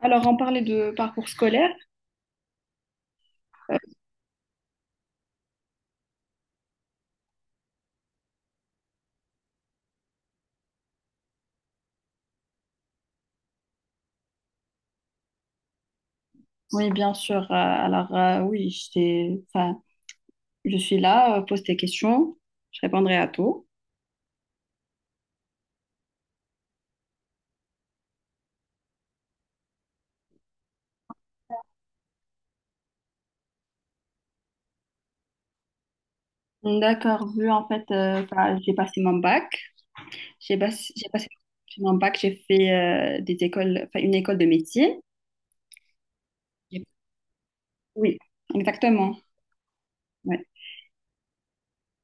Alors, on parlait de parcours scolaire. Oui, bien sûr. Alors, oui, je suis là, pose tes questions, je répondrai à tout. D'accord, vu en fait, enfin, j'ai passé mon bac. J'ai passé mon bac, j'ai fait des écoles, enfin, une école de médecine. J'ai- Oui, exactement. Ouais.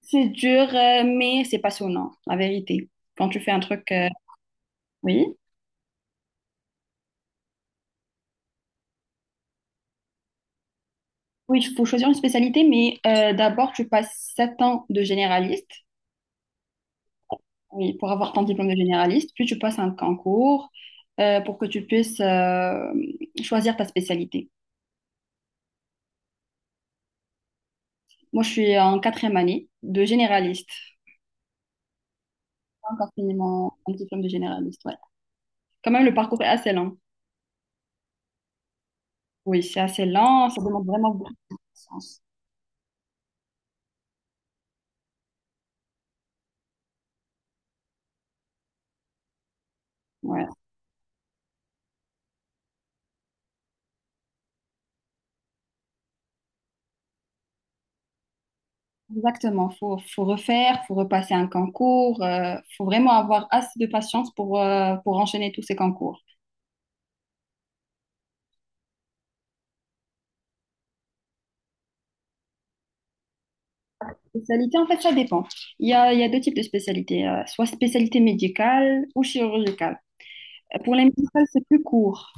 C'est dur, mais c'est passionnant, la vérité. Quand tu fais un truc, oui. Oui, il faut choisir une spécialité, mais d'abord, tu passes 7 ans de généraliste. Oui, pour avoir ton diplôme de généraliste, puis tu passes un concours pour que tu puisses choisir ta spécialité. Moi, je suis en quatrième année de généraliste. J'ai pas encore fini mon diplôme de généraliste, ouais. Quand même, le parcours est assez lent. Oui, c'est assez lent, ça demande vraiment beaucoup de patience. Ouais, exactement. Faut refaire, faut repasser un concours. Faut vraiment avoir assez de patience pour enchaîner tous ces concours. Spécialité, en fait, ça dépend. Il y a deux types de spécialités, soit spécialité médicale ou chirurgicale. Pour les musicals, c'est plus court.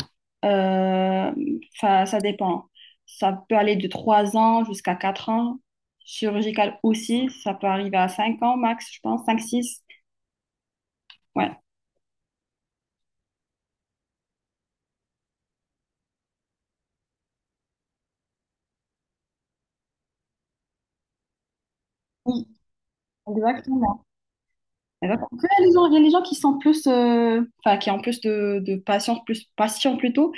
Euh, Enfin, ça dépend. Ça peut aller de 3 ans jusqu'à 4 ans. Chirurgical aussi, ça peut arriver à 5 ans max, je pense, cinq six. Ouais. Oui, exactement. Exactement. Après, Il y a les gens, il y a les gens qui sont plus, enfin, qui ont plus de patience, plus patients plutôt.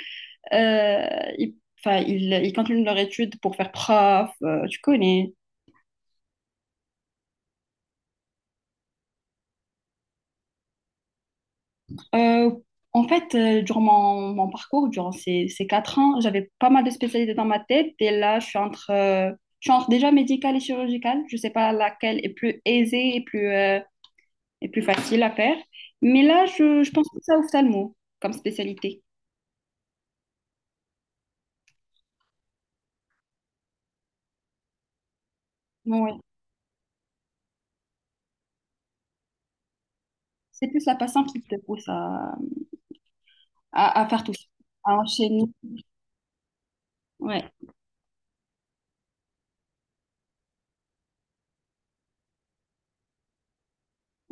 Euh, ils, enfin, ils continuent leur étude pour faire prof, tu connais. Euh, en fait, durant mon parcours, durant ces 4 ans, j'avais pas mal de spécialités dans ma tête. Et là, je suis entre déjà médicale et chirurgicale. Je sais pas laquelle est plus aisée et plus facile à faire. Mais là, je pense plus à ophtalmo comme spécialité. Ouais. C'est plus la patiente qui te pousse à faire tout ça, à enchaîner. Ouais,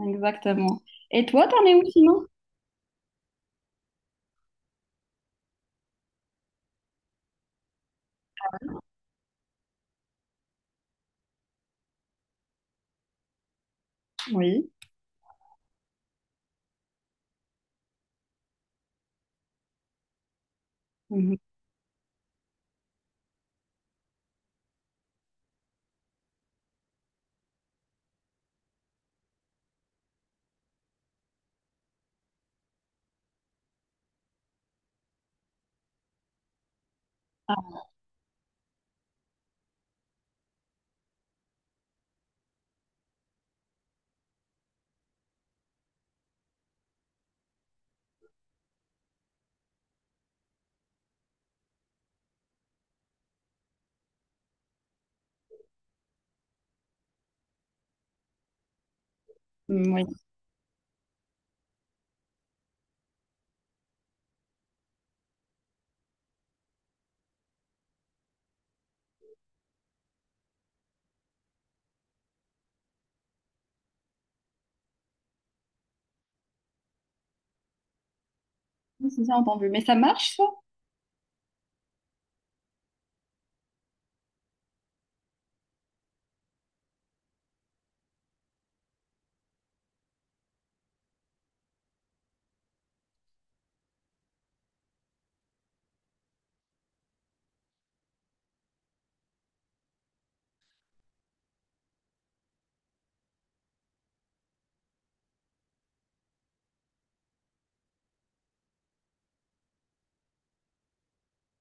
exactement. Et toi, t'en es où sinon? Oui. Mhm. Mm, oui, c'est ça entendu. Mais ça marche, ça?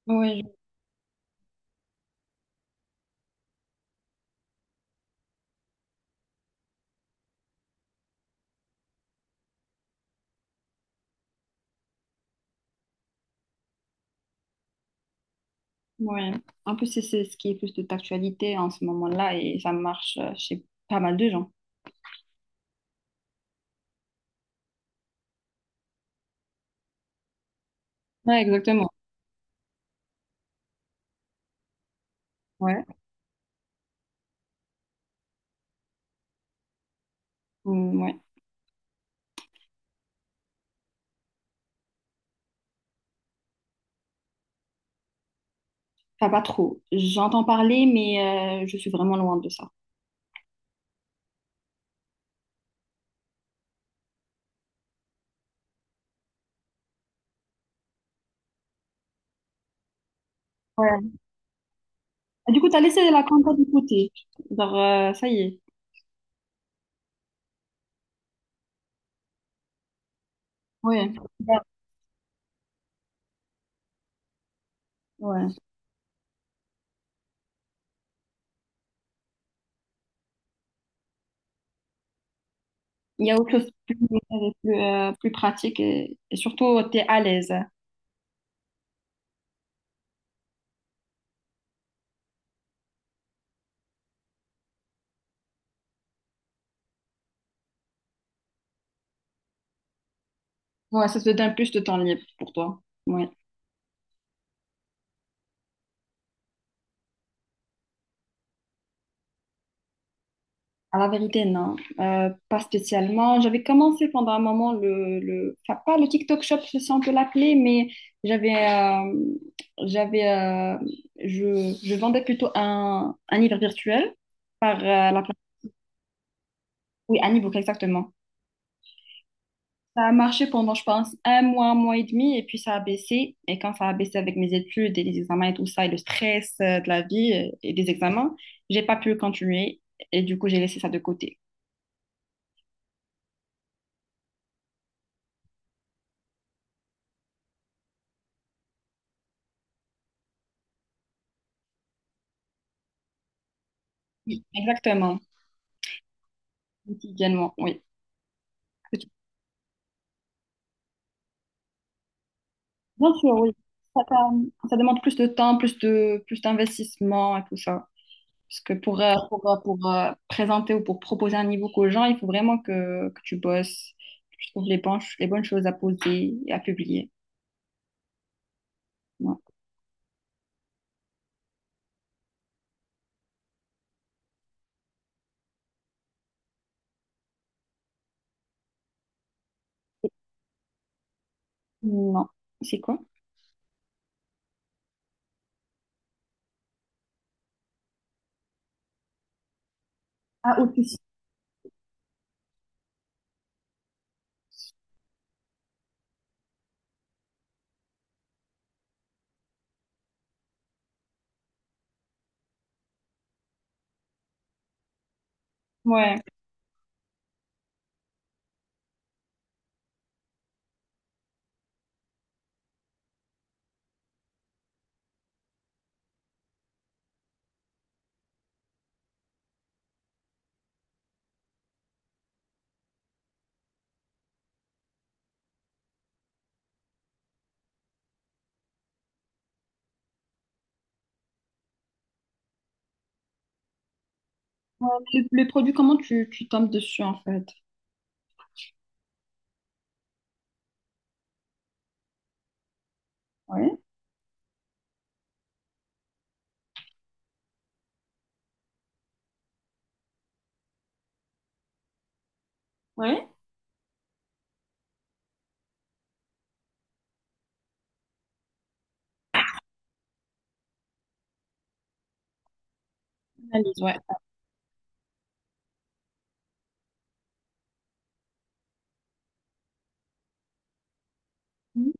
Oui, ouais. En plus, c'est ce qui est plus de d'actualité en ce moment-là et ça marche chez pas mal de gens. Ouais, exactement. Ouais. Mm, ouais. Enfin, pas trop. J'entends parler, mais je suis vraiment loin de ça. Ouais. Et du coup, t'as laissé la compta de côté. Genre, ça y est. Ouais. Ouais. Ouais. Il y a autre chose de plus pratique et surtout, t'es à l'aise. Ouais, ça te donne plus de temps libre pour toi. Ouais. À la vérité, non, pas spécialement. J'avais commencé pendant un moment enfin pas le TikTok Shop, je sais si on peut l'appeler, mais j'avais, euh, j'avais, euh, je vendais plutôt un livre virtuel par la plateforme, oui, un ebook exactement. Ça a marché pendant, je pense, un mois et demi, et puis ça a baissé. Et quand ça a baissé avec mes études et les examens et tout ça, et le stress de la vie et des examens, j'ai pas pu continuer, et du coup j'ai laissé ça de côté. Oui, exactement, quotidiennement, oui. que tu- Bien sûr, oui. Ça, ça- ça demande plus de temps, plus d'investissement et tout ça. Parce que présenter ou pour proposer un niveau book aux gens, il faut vraiment que tu bosses, que tu trouves les bonnes choses à poser et à publier. Ouais. Non. C'est quoi? Ah, au plus. Ouais. Ouais. Le produit, comment tu tombes dessus en fait? Ouais. Ouais. Analyse, ouais. Mhm.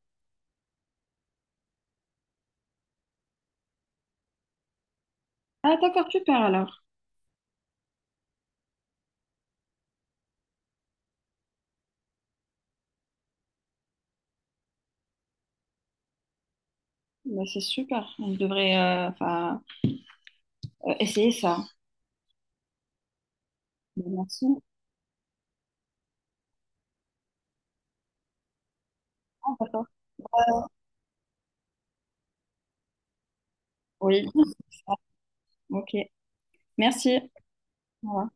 Ah, d'accord, super alors. Bah, c'est super. On devrait enfin, essayer ça. Merci. Au revoir. Oui, c'est ça. Ok. Merci. Au revoir.